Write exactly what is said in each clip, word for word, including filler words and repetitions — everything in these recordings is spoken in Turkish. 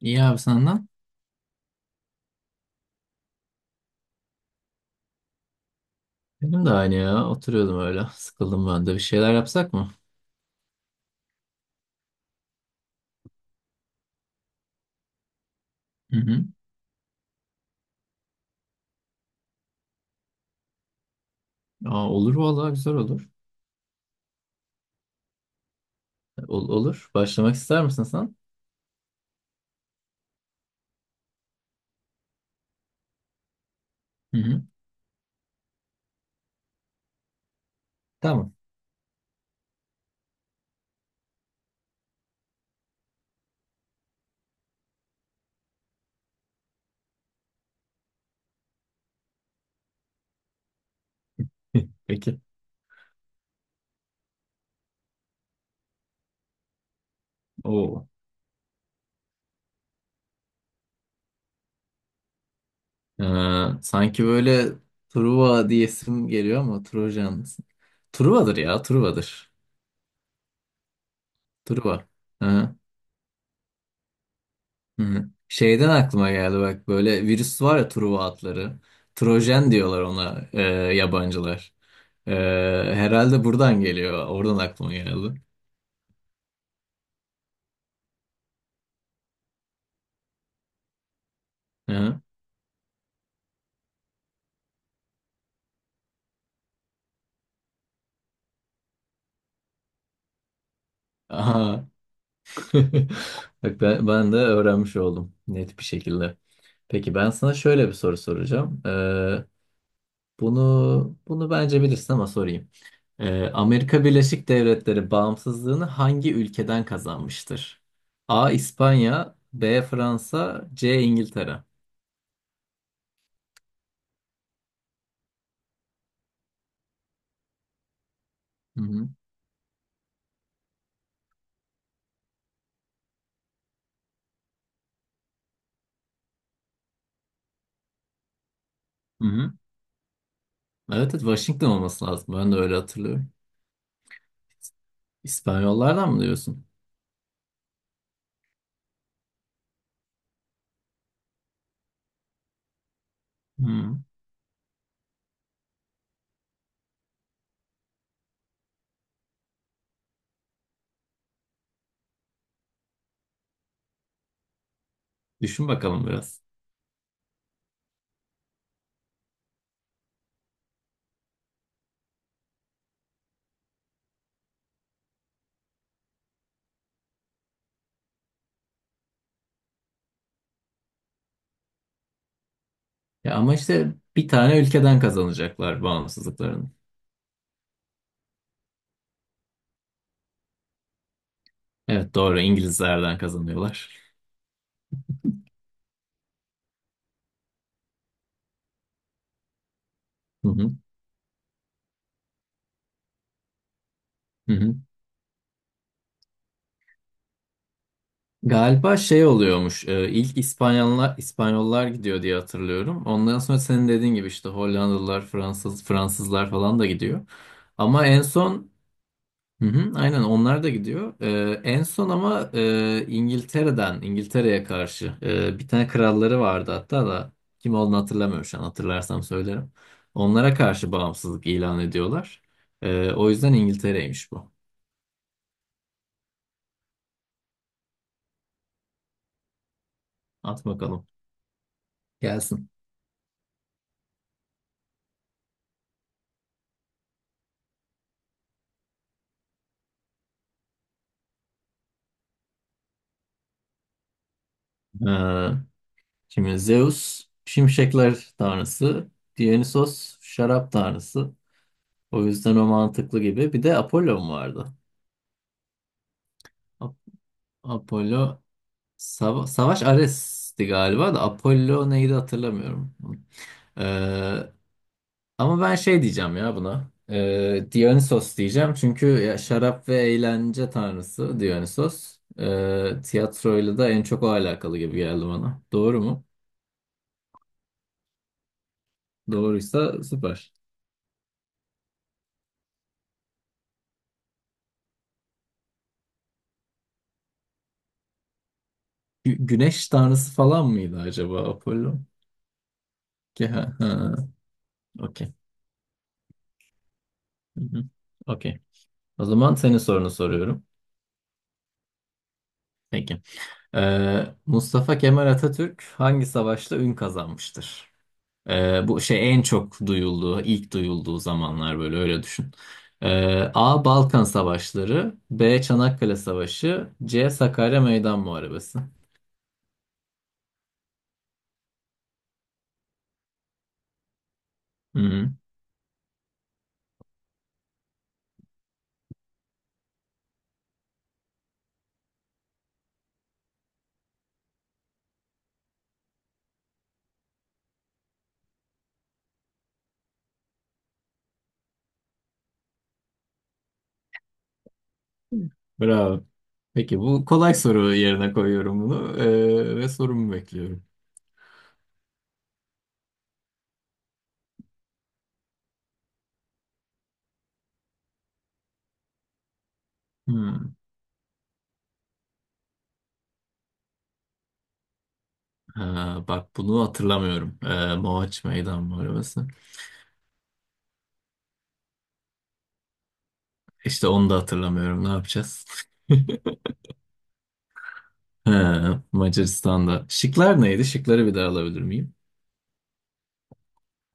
İyi abi senden. Benim de aynı ya. Oturuyordum öyle. Sıkıldım ben de. Bir şeyler yapsak mı? Hı hı. Aa, olur vallahi güzel olur. Ol- olur. Başlamak ister misin sen? Hı hı. Tamam. Peki. Oo. Ee, Sanki böyle Truva diyesim geliyor ama Trojan. Truva'dır ya. Truva'dır. Truva. Hı. Şeyden aklıma geldi bak böyle virüs var ya Truva atları. Trojen diyorlar ona e, yabancılar. E, Herhalde buradan geliyor. Oradan aklıma geldi. Hı. Aha. Bak ben, ben de öğrenmiş oldum net bir şekilde. Peki ben sana şöyle bir soru soracağım. E, Bunu bunu bence bilirsin ama sorayım. Ee, Amerika Birleşik Devletleri bağımsızlığını hangi ülkeden kazanmıştır? A. İspanya, B. Fransa, C. İngiltere. Hı hı. Hı hı. Evet, evet, Washington olması lazım. Ben de öyle hatırlıyorum. İspanyollardan mı diyorsun? Hı. Düşün bakalım biraz. Ya ama işte bir tane ülkeden kazanacaklar bağımsızlıklarını. Evet, doğru, İngilizlerden kazanıyorlar. Hı hı. Hı hı. Galiba şey oluyormuş. e, ilk İspanyollar İspanyollar gidiyor diye hatırlıyorum. Ondan sonra senin dediğin gibi işte Hollandalılar, Fransız Fransızlar falan da gidiyor. Ama en son hı hı, aynen onlar da gidiyor. E, en son ama e, İngiltere'den İngiltere'ye karşı e, bir tane kralları vardı hatta da kim olduğunu hatırlamıyorum şu an. Hatırlarsam söylerim. Onlara karşı bağımsızlık ilan ediyorlar. E, o yüzden İngiltere'ymiş bu. At bakalım. Gelsin. E, Şimdi Zeus şimşekler tanrısı, Dionysos şarap tanrısı. O yüzden o mantıklı gibi. Bir de Apollo mu vardı? Ap- Apollo. Sava- Savaş Ares'ti galiba da Apollo neydi hatırlamıyorum. Ee, Ama ben şey diyeceğim ya buna. Ee, Dionysos diyeceğim çünkü ya şarap ve eğlence tanrısı Dionysos. Ee, tiyatroyla da en çok o alakalı gibi geldi bana. Doğru mu? Doğruysa süper. Gü- güneş tanrısı falan mıydı acaba Apollo? Ki ha, ha, okey. Hı hı, okey. O zaman senin sorunu soruyorum. Peki. Ee, Mustafa Kemal Atatürk hangi savaşta ün kazanmıştır? Ee, bu şey en çok duyulduğu, ilk duyulduğu zamanlar böyle öyle düşün. Ee, A. Balkan Savaşları, B. Çanakkale Savaşı, C. Sakarya Meydan Muharebesi. Hı-hı. Bravo. Peki bu kolay soru yerine koyuyorum bunu ee, ve sorumu bekliyorum. Hı. Ha, bak bunu hatırlamıyorum. Ee, Mohaç Meydan Muharebesi. İşte onu da hatırlamıyorum. Ne yapacağız? Ha, Macaristan'da. Şıklar neydi? Şıkları bir daha alabilir miyim?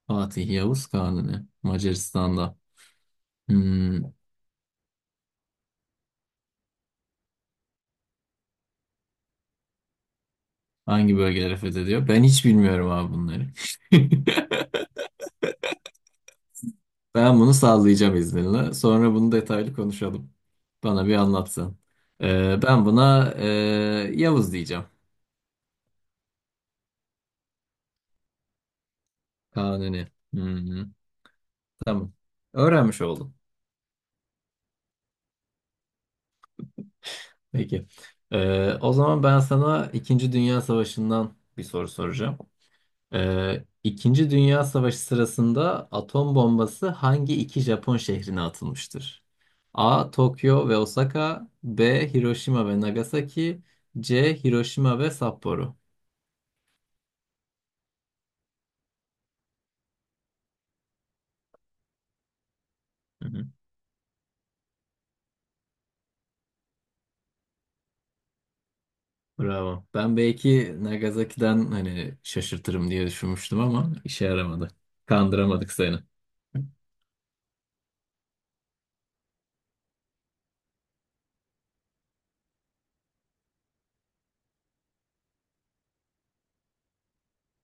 Fatih, Yavuz, Kanuni. Macaristan'da. Hmm, hangi bölgeleri fethediyor? Ben hiç bilmiyorum abi bunları. Ben bunu sallayacağım izninle. Sonra bunu detaylı konuşalım. Bana bir anlatsın. Ee, ben buna ee, Yavuz diyeceğim. Kanuni. Hı hı, tamam. Öğrenmiş oldum. Peki. Ee, o zaman ben sana İkinci Dünya Savaşı'ndan bir soru soracağım. Ee, İkinci Dünya Savaşı sırasında atom bombası hangi iki Japon şehrine atılmıştır? A. Tokyo ve Osaka, B. Hiroşima ve Nagasaki, C. Hiroşima ve Sapporo. Hı hı. Bravo. Ben belki Nagasaki'den hani şaşırtırım diye düşünmüştüm ama işe yaramadı. Kandıramadık seni.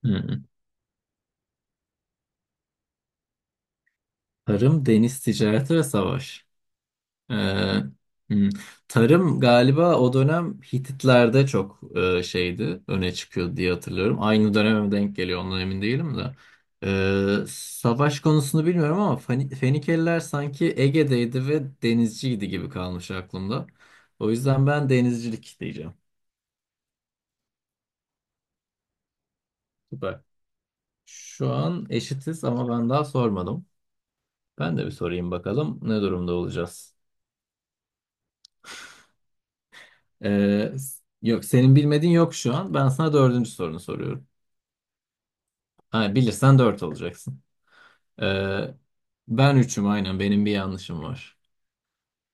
Hı hı. Tarım, deniz ticareti ve savaş. Ee, hmm. Tarım galiba o dönem Hititler'de çok e, şeydi, öne çıkıyordu diye hatırlıyorum. Aynı döneme mi denk geliyor ondan emin değilim de. Ee, savaş konusunu bilmiyorum ama Fani- Fenikeliler sanki Ege'deydi ve denizciydi gibi kalmış aklımda. O yüzden ben denizcilik diyeceğim. Süper. Şu an eşitiz ama ben daha sormadım. Ben de bir sorayım bakalım ne durumda olacağız. Ee, s- yok, senin bilmediğin yok şu an. Ben sana dördüncü sorunu soruyorum. Ha, bilirsen dört olacaksın. Ee, Ben üçüm, aynen benim bir yanlışım var.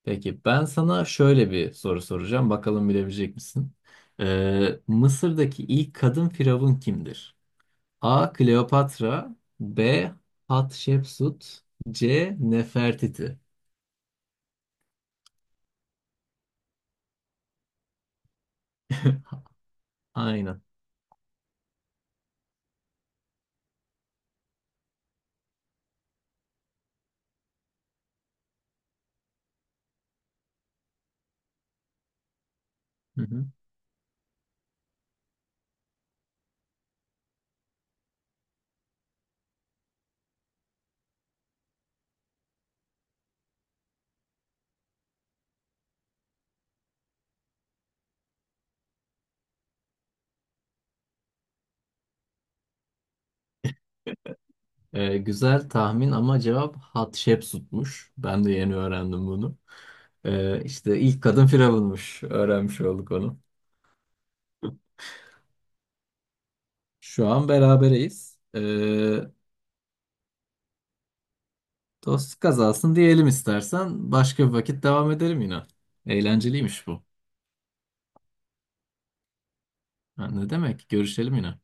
Peki ben sana şöyle bir soru soracağım. Bakalım bilebilecek misin? Ee, Mısır'daki ilk kadın firavun kimdir? A. Kleopatra, B. Hatshepsut, C. Nefertiti. Aynen. Hı hı. Ee, güzel tahmin ama cevap Hatshepsut'muş. Ben de yeni öğrendim bunu. Ee, işte ilk kadın firavunmuş. Öğrenmiş olduk onu. Şu an berabereyiz. Ee, dost kazansın diyelim istersen. Başka bir vakit devam edelim yine. Eğlenceliymiş bu. Ha, ne demek? Görüşelim yine.